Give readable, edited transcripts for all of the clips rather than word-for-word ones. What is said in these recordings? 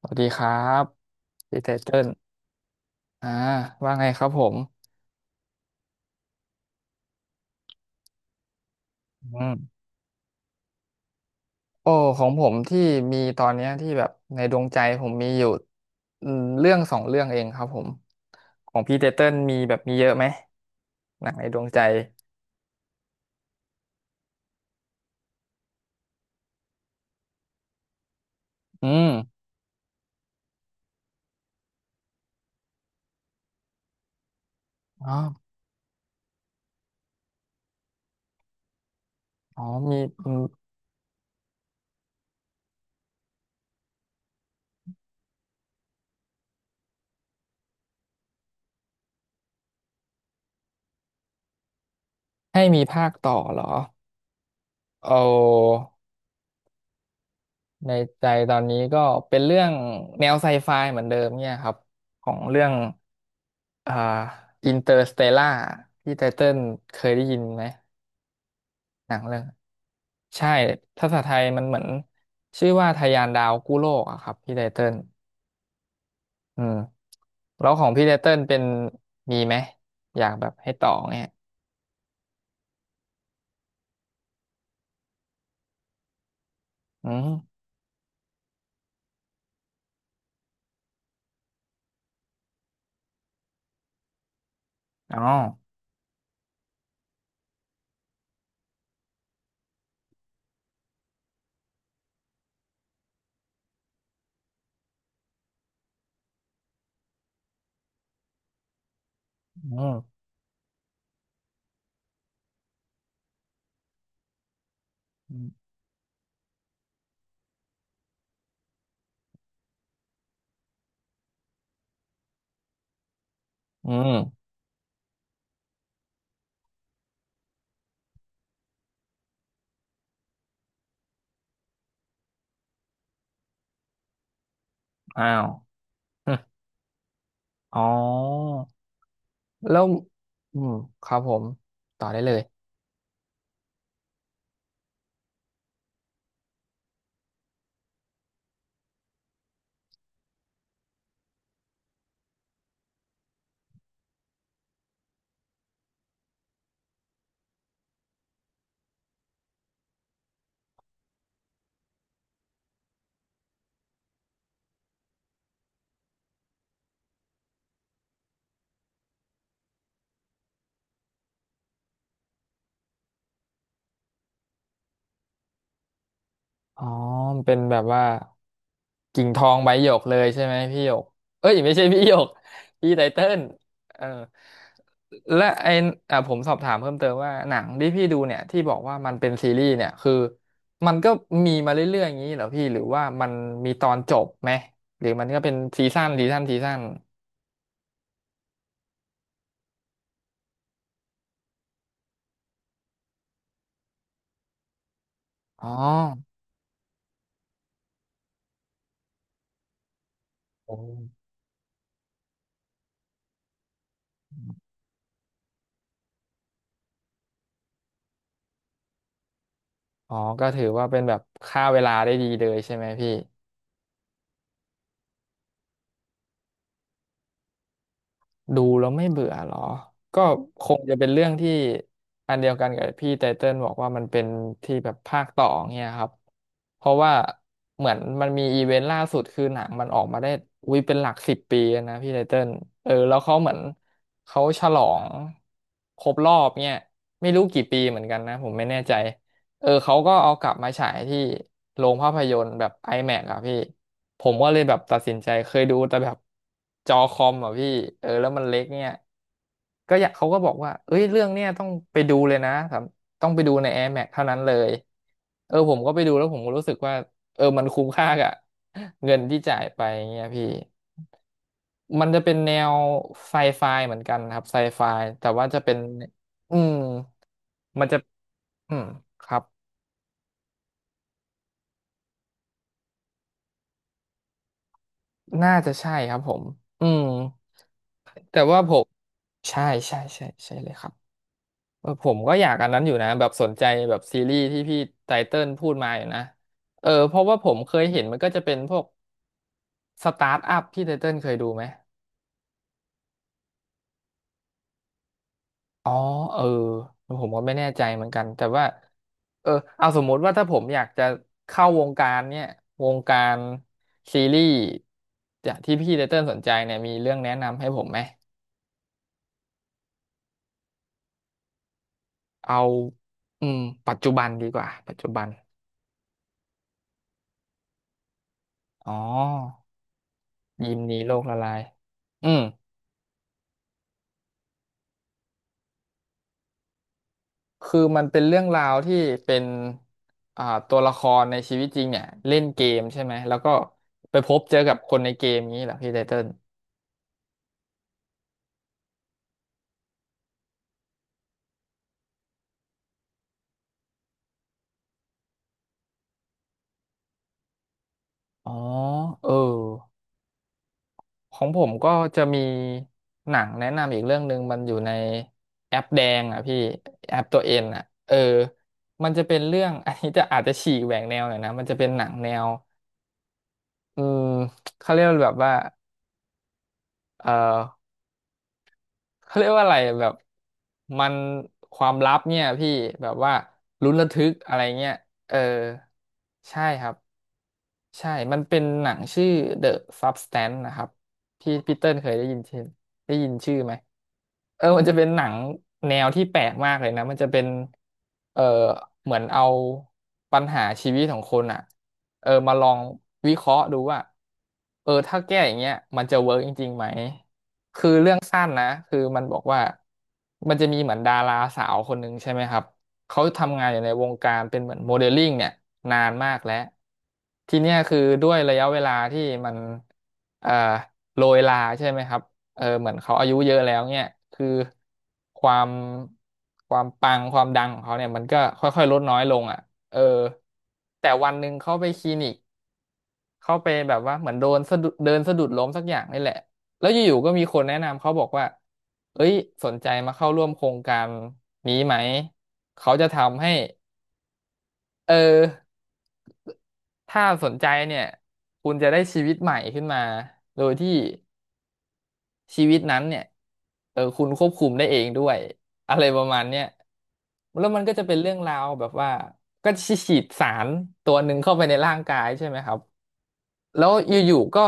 สวัสดีครับพี่ไตเติ้ลอ่าว่าไงครับผมอืมโอ้ ของผมที่มีตอนเนี้ยที่แบบในดวงใจผมมีอยู่อืมเรื่องสองเรื่องเองครับผม ของพี่ไตเติ้ลมีแบบมีเยอะไหมหนังในดวงใจ อืม อ๋ออ๋อมีอืมให้มีภาคต่อเหรอเอา ในใจตอนนี้ก็เป็นเรื่องแนวไซไฟเหมือนเดิมเนี่ยครับของเรื่องอ่าอินเตอร์สเตล่าที่ไตเติ้ลเคยได้ยินไหมหนังเรื่องใช่ภาษาไทยมันเหมือนชื่อว่าทะยานดาวกู้โลกอะครับพี่ไตเติ้ลอืมแล้วของพี่ไตเติ้ลเป็นมีไหมอยากแบบให้ต่อเนี่ยอืมอ๋ออืมอืมอืมอ้าว อมอ๋อแล้วอืมครับผมต่อได้เลย อ๋อมันเป็นแบบว่ากิ่งทองใบหยกเลยใช่ไหมพี่หยกเอ้ยไม่ใช่พี่หยก พี่ไตเติ้ลเออและไออ่ะผมสอบถามเพิ่มเติมว่าหนังที่พี่ดูเนี่ยที่บอกว่ามันเป็นซีรีส์เนี่ยคือมันก็มีมาเรื่อยๆอย่างนี้เหรอพี่หรือว่ามันมีตอนจบไหมหรือมันก็เป็นซีซั่นซีซั่นซีซั่นอ๋อโอ้อ๋อก็ถือว่าเป็นแบบฆ่าเวลาได้ดีเลยใช่ไหมพี่ ดูแล้วไม่เบื่อเหรอก็คงจะเป็นเรื่องที่อันเดียวกันกับพี่ไตเติ้ลบอกว่ามันเป็นที่แบบภาคต่อเนี่ยครับเพราะว่าเหมือนมันมีอีเวนต์ล่าสุดคือหนังมันออกมาได้วิเป็นหลักสิบปีแล้วนะพี่ไตเติ้ลเออแล้วเขาเหมือนเขาฉลองครบรอบเนี่ยไม่รู้กี่ปีเหมือนกันนะผมไม่แน่ใจเออเขาก็เอากลับมาฉายที่โรงภาพยนตร์แบบ IMAX อะพี่ ผมก็เลยแบบตัดสินใจเคยดูแต่แบบจอคอมอ่ะพี่เออแล้วมันเล็กเนี่ยก็อยากเขาก็บอกว่าเอ้ยเรื่องเนี้ยต้องไปดูเลยนะสำต้องไปดูใน Air Max เท่านั้นเลยเออผมก็ไปดูแล้วผมก็รู้สึกว่าเออมันคุ้มค่ากับเงินที่จ่ายไปเงี้ยพี่มันจะเป็นแนวไซไฟเหมือนกันครับไซไฟแต่ว่าจะเป็นอืมมันจะอืมครับน่าจะใช่ครับผมอืมแต่ว่าผมใช่ใช่ใช่ใช่เลยครับ เออผมก็อยากอันนั้นอยู่นะแบบสนใจแบบซีรีส์ที่พี่ไตเติ้ลพูดมาอยู่นะเออเพราะว่าผมเคยเห็นมันก็จะเป็นพวกสตาร์ทอัพที่ไตเติ้ลเคยดูไหมอ๋อเออผมก็ไม่แน่ใจเหมือนกันแต่ว่าเออเอาสมมติว่าถ้าผมอยากจะเข้าวงการเนี่ยวงการซีรีส์จากที่พี่ไตเติ้ลสนใจเนี่ยมีเรื่องแนะนำให้ผมไหมเอาอืมปัจจุบันดีกว่าปัจจุบันอ๋อยิมหนีโลกละลายอืม คือมันเป็นเรื่องราวที่เป็นอ่าตัวละครในชีวิตจริงเนี่ยเล่นเกมใช่ไหมแล้วก็ไปพบเจอกับคนในเกมนี้เหรอพี่ไตเติ้ลอ๋อเออของผมก็จะมีหนังแนะนำอีกเรื่องหนึ่งมันอยู่ในแอปแดงอ่ะพี่แอปตัวเอ็นอ่ะเออมันจะเป็นเรื่อง อันนี้จะอาจจะฉีกแหวกแนวหน่อยนะมันจะเป็นหนังแนวอืมเขาเรียกว่าแบบว่าเอ่อ เขาเรียกว่าอะไรแบบมันความลับเนี่ยพี่แบบว่าลุ้นระทึกอะไรเงี้ยเออใช่ครับใช่มันเป็นหนังชื่อ The Substance นะครับพี่พีเติ้ลเคยได้ยินชื่อได้ยินชื่อไหมเออมันจะเป็นหนังแนวที่แปลกมากเลยนะมันจะเป็นเออเหมือนเอาปัญหาชีวิตของคนอ่ะเออมาลองวิเคราะห์ดูว่าเออถ้าแก้อย่างเงี้ยมันจะเวิร์กจริงๆไหม รื่องสั้นนะคือมันบอกว่ามันจะมีเหมือนดาราสาวคนหนึ่งใช่ไหมครับเขาทำงานอยู่ในวงการเป็นเหมือนโมเดลลิ่งเนี่ยนานมากแล้วทีเนี้ยคือด้วยระยะเวลาที่มันเอ่อโรยลาใช่ไหมครับเออเหมือนเขาอายุเยอะแล้วเนี่ยคือความความปังความดังของเขาเนี่ยมันก็ค่อยๆลดน้อยลงอ่ะเออแต่วันหนึ่งเขาไปคลินิก เขาไปแบบว่าเหมือนโดนสะดุดเดินสะดุดล้มสักอย่างนี่แหละแล้วอยู่ๆก็มีคนแนะนำเขาบอกว่าเอ้ยสนใจมาเข้าร่วมโครงการนี้ไหมเขาจะทำให้เออถ้าสนใจเนี่ยคุณจะได้ชีวิตใหม่ขึ้นมา โดยที่ชีวิตนั้นเนี่ยคุณควบคุมได้เองด้วยอะไรประมาณเนี้ยแล้วมันก็จะเป็นเรื่องราวแบบว่าก็ฉีดสารตัวหนึ่งเข้าไปในร่างกายใช่ไหมครับ แล้วอยู่ๆก็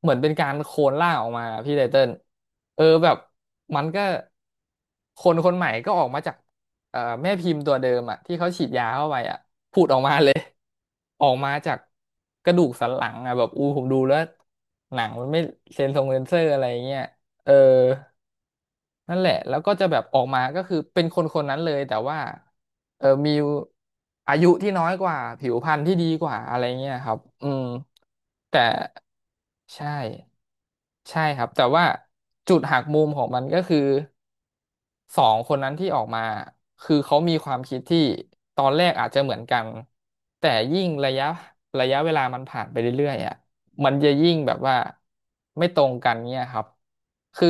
เหมือนเป็นการโคลนร่างออกมาพี่ไตเติ้ลเออแบบมันก็คนคนใหม่ก็ออกมาจากแม่พิมพ์ตัวเดิมอ่ะที่เขาฉีดยาเข้าไปอ่ะผุดออกมาเลย ออกมาจากกระดูกสันหลังอ่ะแบบอูผมดูแล้วหนังมันไม่เซนเซอร์อะไรเงี้ยเออ นั่นแหละ แล้วก็จะแบบออกมาก็คือเป็นคนคนนั้นเลย แต่ว่าเออมีอายุที่น้อยกว่า ผิวพรรณที่ดีกว่าอะไรเงี้ยครับ อืม แต่ใช่ใช่ครับ แต่ว่าจุดหักมุมของมันก็คือ สองคนนั้นที่ออกมาคือเขามีความคิดที่ตอนแรกอาจจะเหมือนกันแต่ยิ่งระยะเวลามันผ่านไปเรื่อยๆอ่ะมันจะยิ่งแบบว่าไม่ตรงกันเนี่ยครับคือ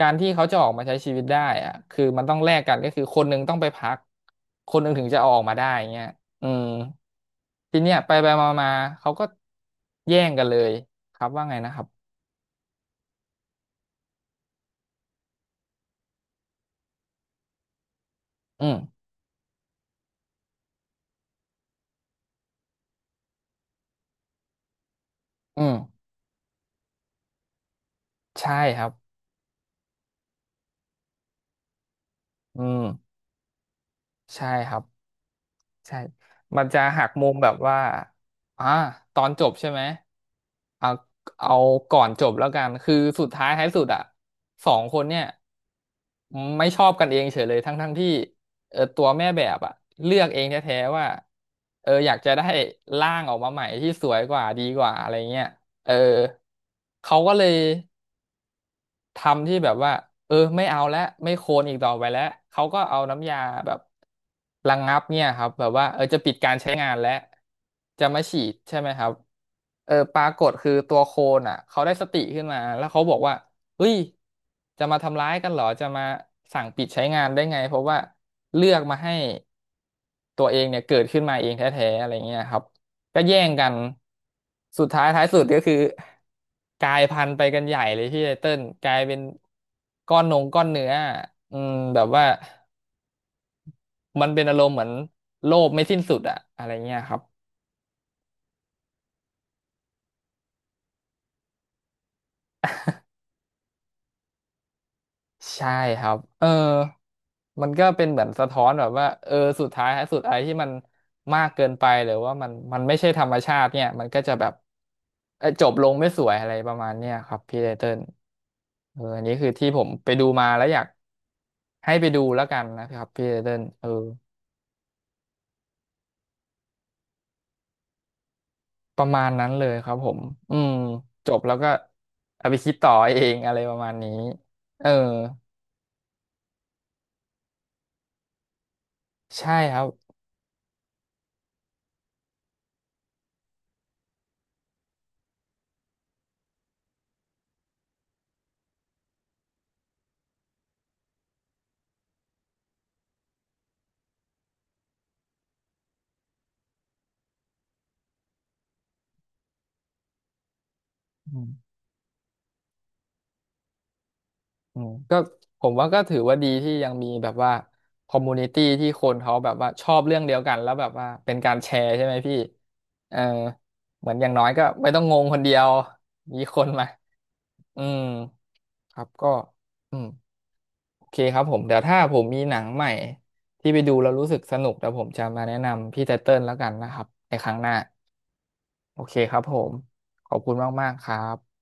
การที่เขาจะออกมาใช้ชีวิตได้อ่ะคือมันต้องแลกกันก็คือคนหนึ่งต้องไปพักคนหนึ่งถึงจะเอาออกมาได้เงี้ยอืมทีเนี้ยไปไปมามาเขาก็แย่งกันเลยครับว่าไงนะครับอืมอืมใช่ครับอืมใช่ครับ ใช่มันจะหักมุมแบบว่าอ่าตอนจบใช่ไหมเอาเอาก่อนจบแล้วกันคือสุดท้ายท้ายสุดอ่ะสองคนเนี่ยไม่ชอบกันเองเลยทั้งที่ตัวแม่แบบอ่ะเลือกเองแท้ๆว่าเอออยากจะได้ร่างออกมาใหม่ที่สวยกว่าดีกว่าอะไรเงี้ยเออเขาก็เลย ทำที่แบบว่าเออไม่เอาแล้วไม่โคลนอีกต่อไปแล้วเขาก็เอาน้ำยาแบบระงับเนี่ยครับแบบว่าเออจะปิดการใช้งานแล้วจะมาฉีดใช่ไหมครับเออปรากฏคือตัวโคลนอ่ะเขาได้สติขึ้นมาแล้วเขาบอกว่าเฮ้ยจะมาทำร้ายกันเหรอจะมาสั่งปิดใช้งานได้ไงเพราะว่าเลือกมาให้ตัวเองเนี่ยเกิดขึ้นมาเองแท้ๆอะไรเงี้ยครับ ก็แย่งกัน สุดท้ายท้ายสุดก็คือกลายพันธุ์ไปกันใหญ่เลยพี่ไตเติ้ลกลายเป็นก้อนเนื้ออืมแบบว่ามันเป็นอารมณ์เหมือนโลภไม่สิ้นสุดอะอะไรเงี้ยครับ ใช่ครับเออมันก็เป็นเหมือนสะท้อนแบบว่าเออสุดท้ายทสุดไอ้ที่มันมากเกินไปหรือว่ามันไม่ใช่ธรรมชาติเนี่ยมันก็จะแบบเอ่อจบลงไม่สวยอะไรประมาณเนี้ยครับพี่ไตเติ้ลเอออันนี้คือที่ผมไปดูมาแล้วอยากให้ไปดูแล้วกันนะครับพี่ไตเติ้ลเออประมาณนั้นเลยครับผมอืมจบแล้วก็เอาไปคิดต่อเองอะไรประมาณนี้เออใช่ครับ อืมก็ผมว่าก็ถือว่าดีที่ยังมีแบบว่าคอมมูนิตี้ที่คนเขาแบบว่าชอบเรื่องเดียวกันแล้วแบบว่าเป็นการแชร์ใช่ไหมพี่เออเหมือนอย่างน้อยก็ไม่ต้องงงคนเดียวมีคนมาอืมครับก็อืมโอเคครับผมเดี๋ยวถ้าผมมีหนังใหม่ที่ไปดูแล้วรู้สึกสนุกเดี๋ยวผมจะมาแนะนำพี่ไตเติ้ลแล้วกันนะครับในครั้งหน้าโอเคครับผมขอบคุณมากๆครับ